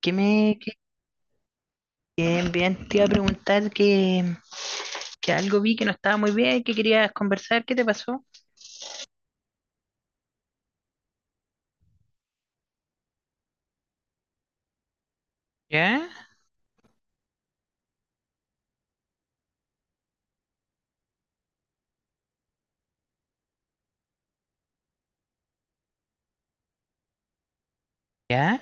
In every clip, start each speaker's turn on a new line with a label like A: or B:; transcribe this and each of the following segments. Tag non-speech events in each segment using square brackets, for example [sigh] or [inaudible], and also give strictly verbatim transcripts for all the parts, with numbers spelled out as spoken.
A: Que me, que, bien, bien, te iba a preguntar que, que algo vi que no estaba muy bien, que querías conversar, ¿qué te pasó? ¿Ya? ¿Ya?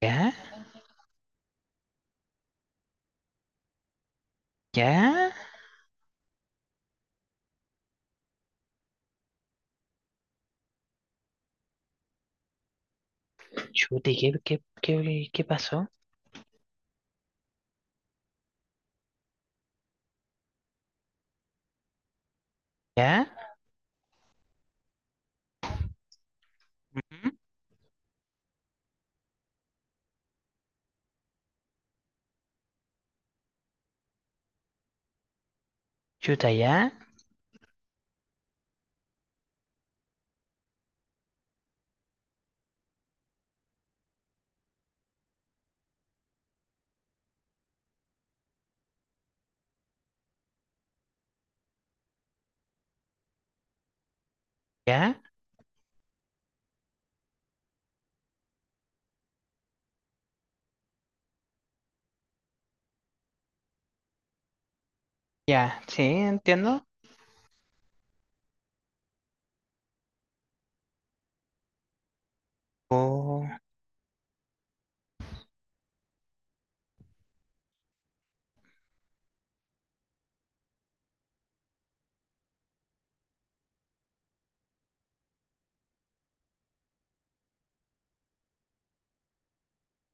A: ¿Ya? ¿Ya? Chuta, ¿y ¿qué, qué, qué, qué pasó? ¿Ya? Ujú. Chuta, ¿ya? ¿Ya? ¿Ya? Sí, entiendo. Oh,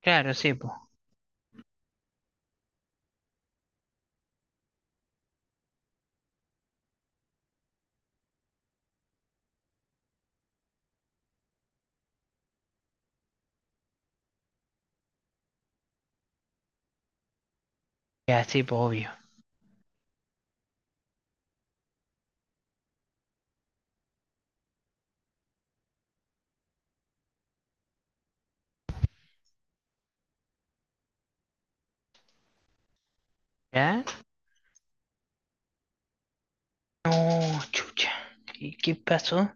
A: claro, sí, pues. Ya, sí, pues, obvio. ¿Ya? No, chucha. ¿Y qué pasó?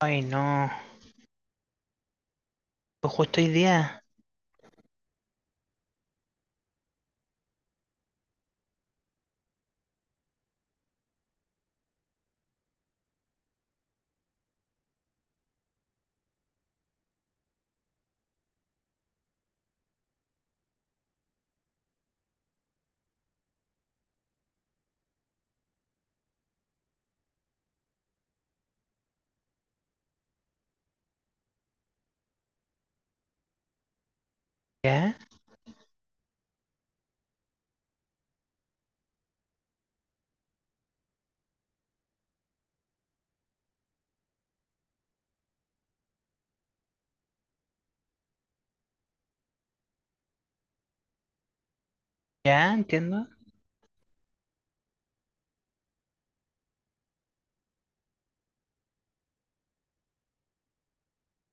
A: Ay, no. Pues justo hoy día. ¿Ya? ¿Ya? Entiendo.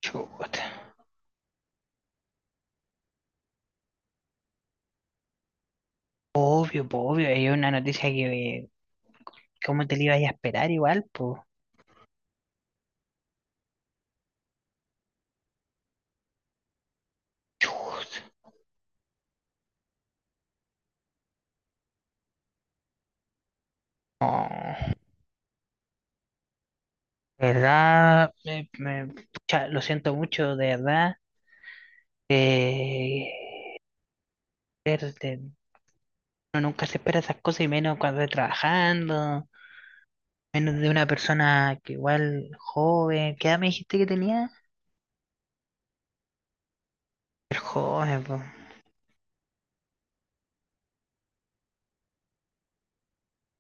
A: Chuta. Obvio, po, obvio, es una noticia que, eh, ¿cómo te la ibas a esperar igual, pues? No, ¿verdad? Me- me- pucha, lo siento mucho, de verdad. Eh, er, de- Uno nunca se espera esas cosas y menos cuando está trabajando, menos de una persona que igual joven. ¿Qué edad me dijiste que tenía? Ser joven, po.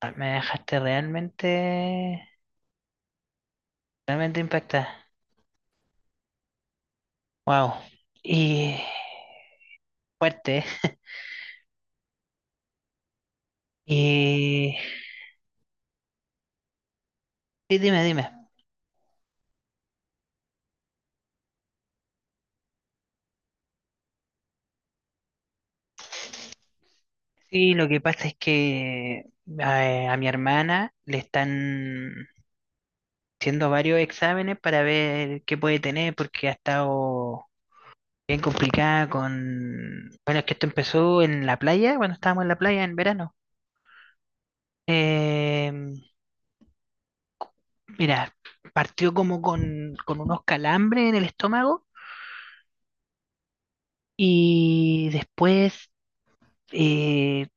A: Ah, me dejaste realmente, realmente impactada. Wow. Y fuerte, ¿eh? Y sí, dime, dime. Sí, lo que pasa es que a, a mi hermana le están haciendo varios exámenes para ver qué puede tener, porque ha estado bien complicada con... Bueno, es que esto empezó en la playa, cuando estábamos en la playa en verano. Eh, Mira, partió como con, con unos calambres en el estómago y después, eh,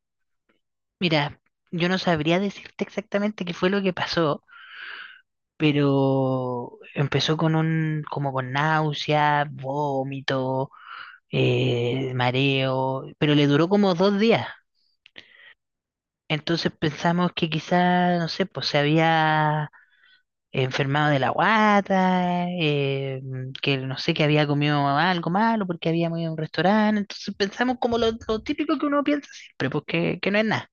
A: mira, yo no sabría decirte exactamente qué fue lo que pasó, pero empezó con un, como con náusea, vómito, eh, mareo, pero le duró como dos días. Entonces pensamos que quizá, no sé, pues se había enfermado de la guata, eh, que no sé, que había comido algo malo porque habíamos ido a un restaurante. Entonces pensamos como lo, lo típico que uno piensa siempre, pues que, que no es nada.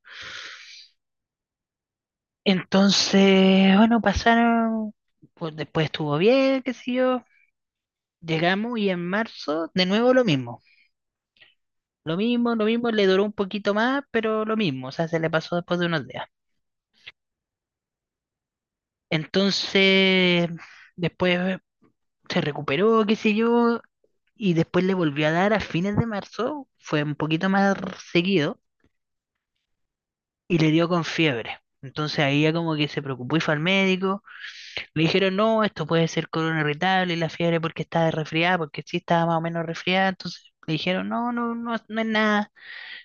A: Entonces, bueno, pasaron, pues después estuvo bien, qué sé yo. Llegamos y en marzo, de nuevo lo mismo. Lo mismo, lo mismo, le duró un poquito más, pero lo mismo, o sea, se le pasó después de unos días. Entonces, después se recuperó, qué sé yo, y después le volvió a dar a fines de marzo, fue un poquito más seguido, y le dio con fiebre. Entonces ahí ya como que se preocupó y fue al médico. Le dijeron, no, esto puede ser corona irritable y la fiebre porque está resfriada, porque sí estaba más o menos resfriada. Entonces le dijeron, no, no, no, no es nada.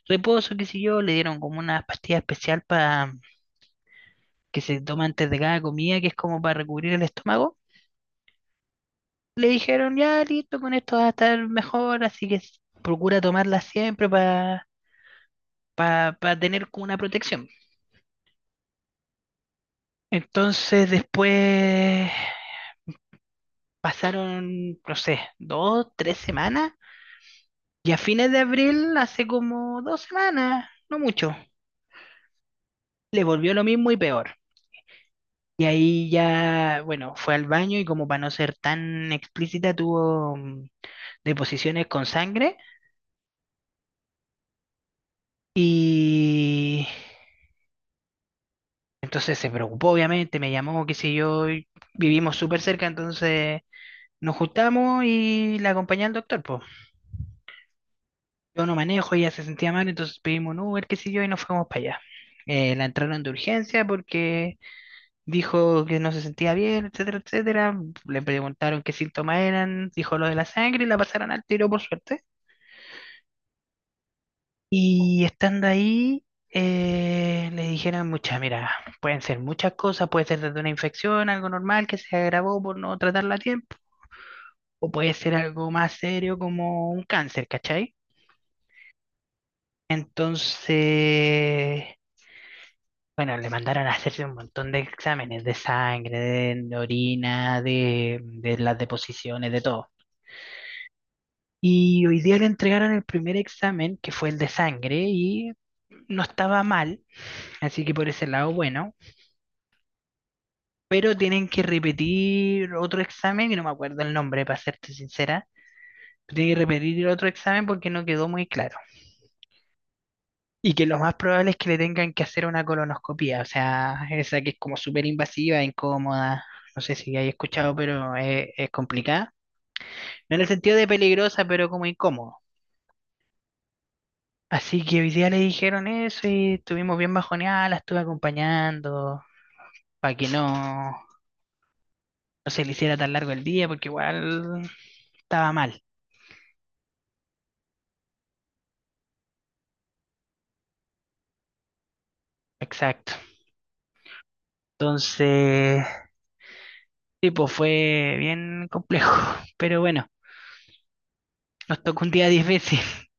A: Reposo, qué sé yo, le dieron como una pastilla especial para que se toma antes de cada comida, que es como para recubrir el estómago. Le dijeron, ya listo, con esto vas a estar mejor, así que s- procura tomarla siempre para tener como una protección. Entonces después pasaron, no sé, dos, tres semanas, y a fines de abril, hace como dos semanas, no mucho, le volvió lo mismo y peor. Y ahí ya, bueno, fue al baño y como para no ser tan explícita, tuvo mm, deposiciones con sangre y entonces se preocupó, obviamente, me llamó, qué sé yo, y vivimos súper cerca, entonces nos juntamos y la acompañé al doctor, pues. Yo no manejo, ella se sentía mal, entonces pedimos un Uber, qué sé yo, y nos fuimos para allá. Eh, la entraron de urgencia porque dijo que no se sentía bien, etcétera, etcétera. Le preguntaron qué síntomas eran, dijo lo de la sangre y la pasaron al tiro por suerte. Y estando ahí, eh, le dijeron, muchas, mira, pueden ser muchas cosas, puede ser desde una infección, algo normal que se agravó por no tratarla a tiempo, o puede ser algo más serio como un cáncer, ¿cachai? Entonces, bueno, le mandaron a hacerse un montón de exámenes de sangre, de orina, de, de las deposiciones, de todo. Y hoy día le entregaron el primer examen, que fue el de sangre, y no estaba mal, así que por ese lado, bueno. Pero tienen que repetir otro examen, y no me acuerdo el nombre, para serte sincera, tienen que repetir otro examen porque no quedó muy claro. Y que lo más probable es que le tengan que hacer una colonoscopía, o sea, esa que es como súper invasiva, incómoda, no sé si hay escuchado, pero es, es complicada. No en el sentido de peligrosa, pero como incómodo. Así que hoy día le dijeron eso y estuvimos bien bajoneadas, la estuve acompañando para que no, no se le hiciera tan largo el día, porque igual estaba mal. Exacto. Entonces, tipo fue bien complejo, [laughs] pero bueno, nos tocó un día difícil. [laughs]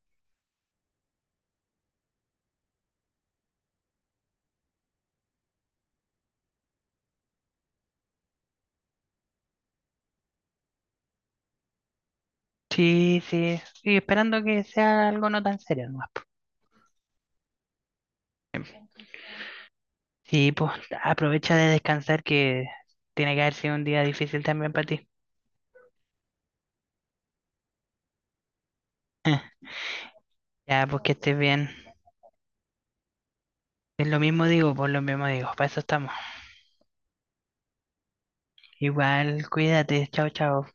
A: Sí, sí, y esperando que sea algo no tan serio nomás, po. Sí, pues aprovecha de descansar que tiene que haber sido un día difícil también para ti. Ya, pues que estés bien. Es lo mismo digo, por lo mismo digo, para eso estamos. Igual, cuídate, chao, chao.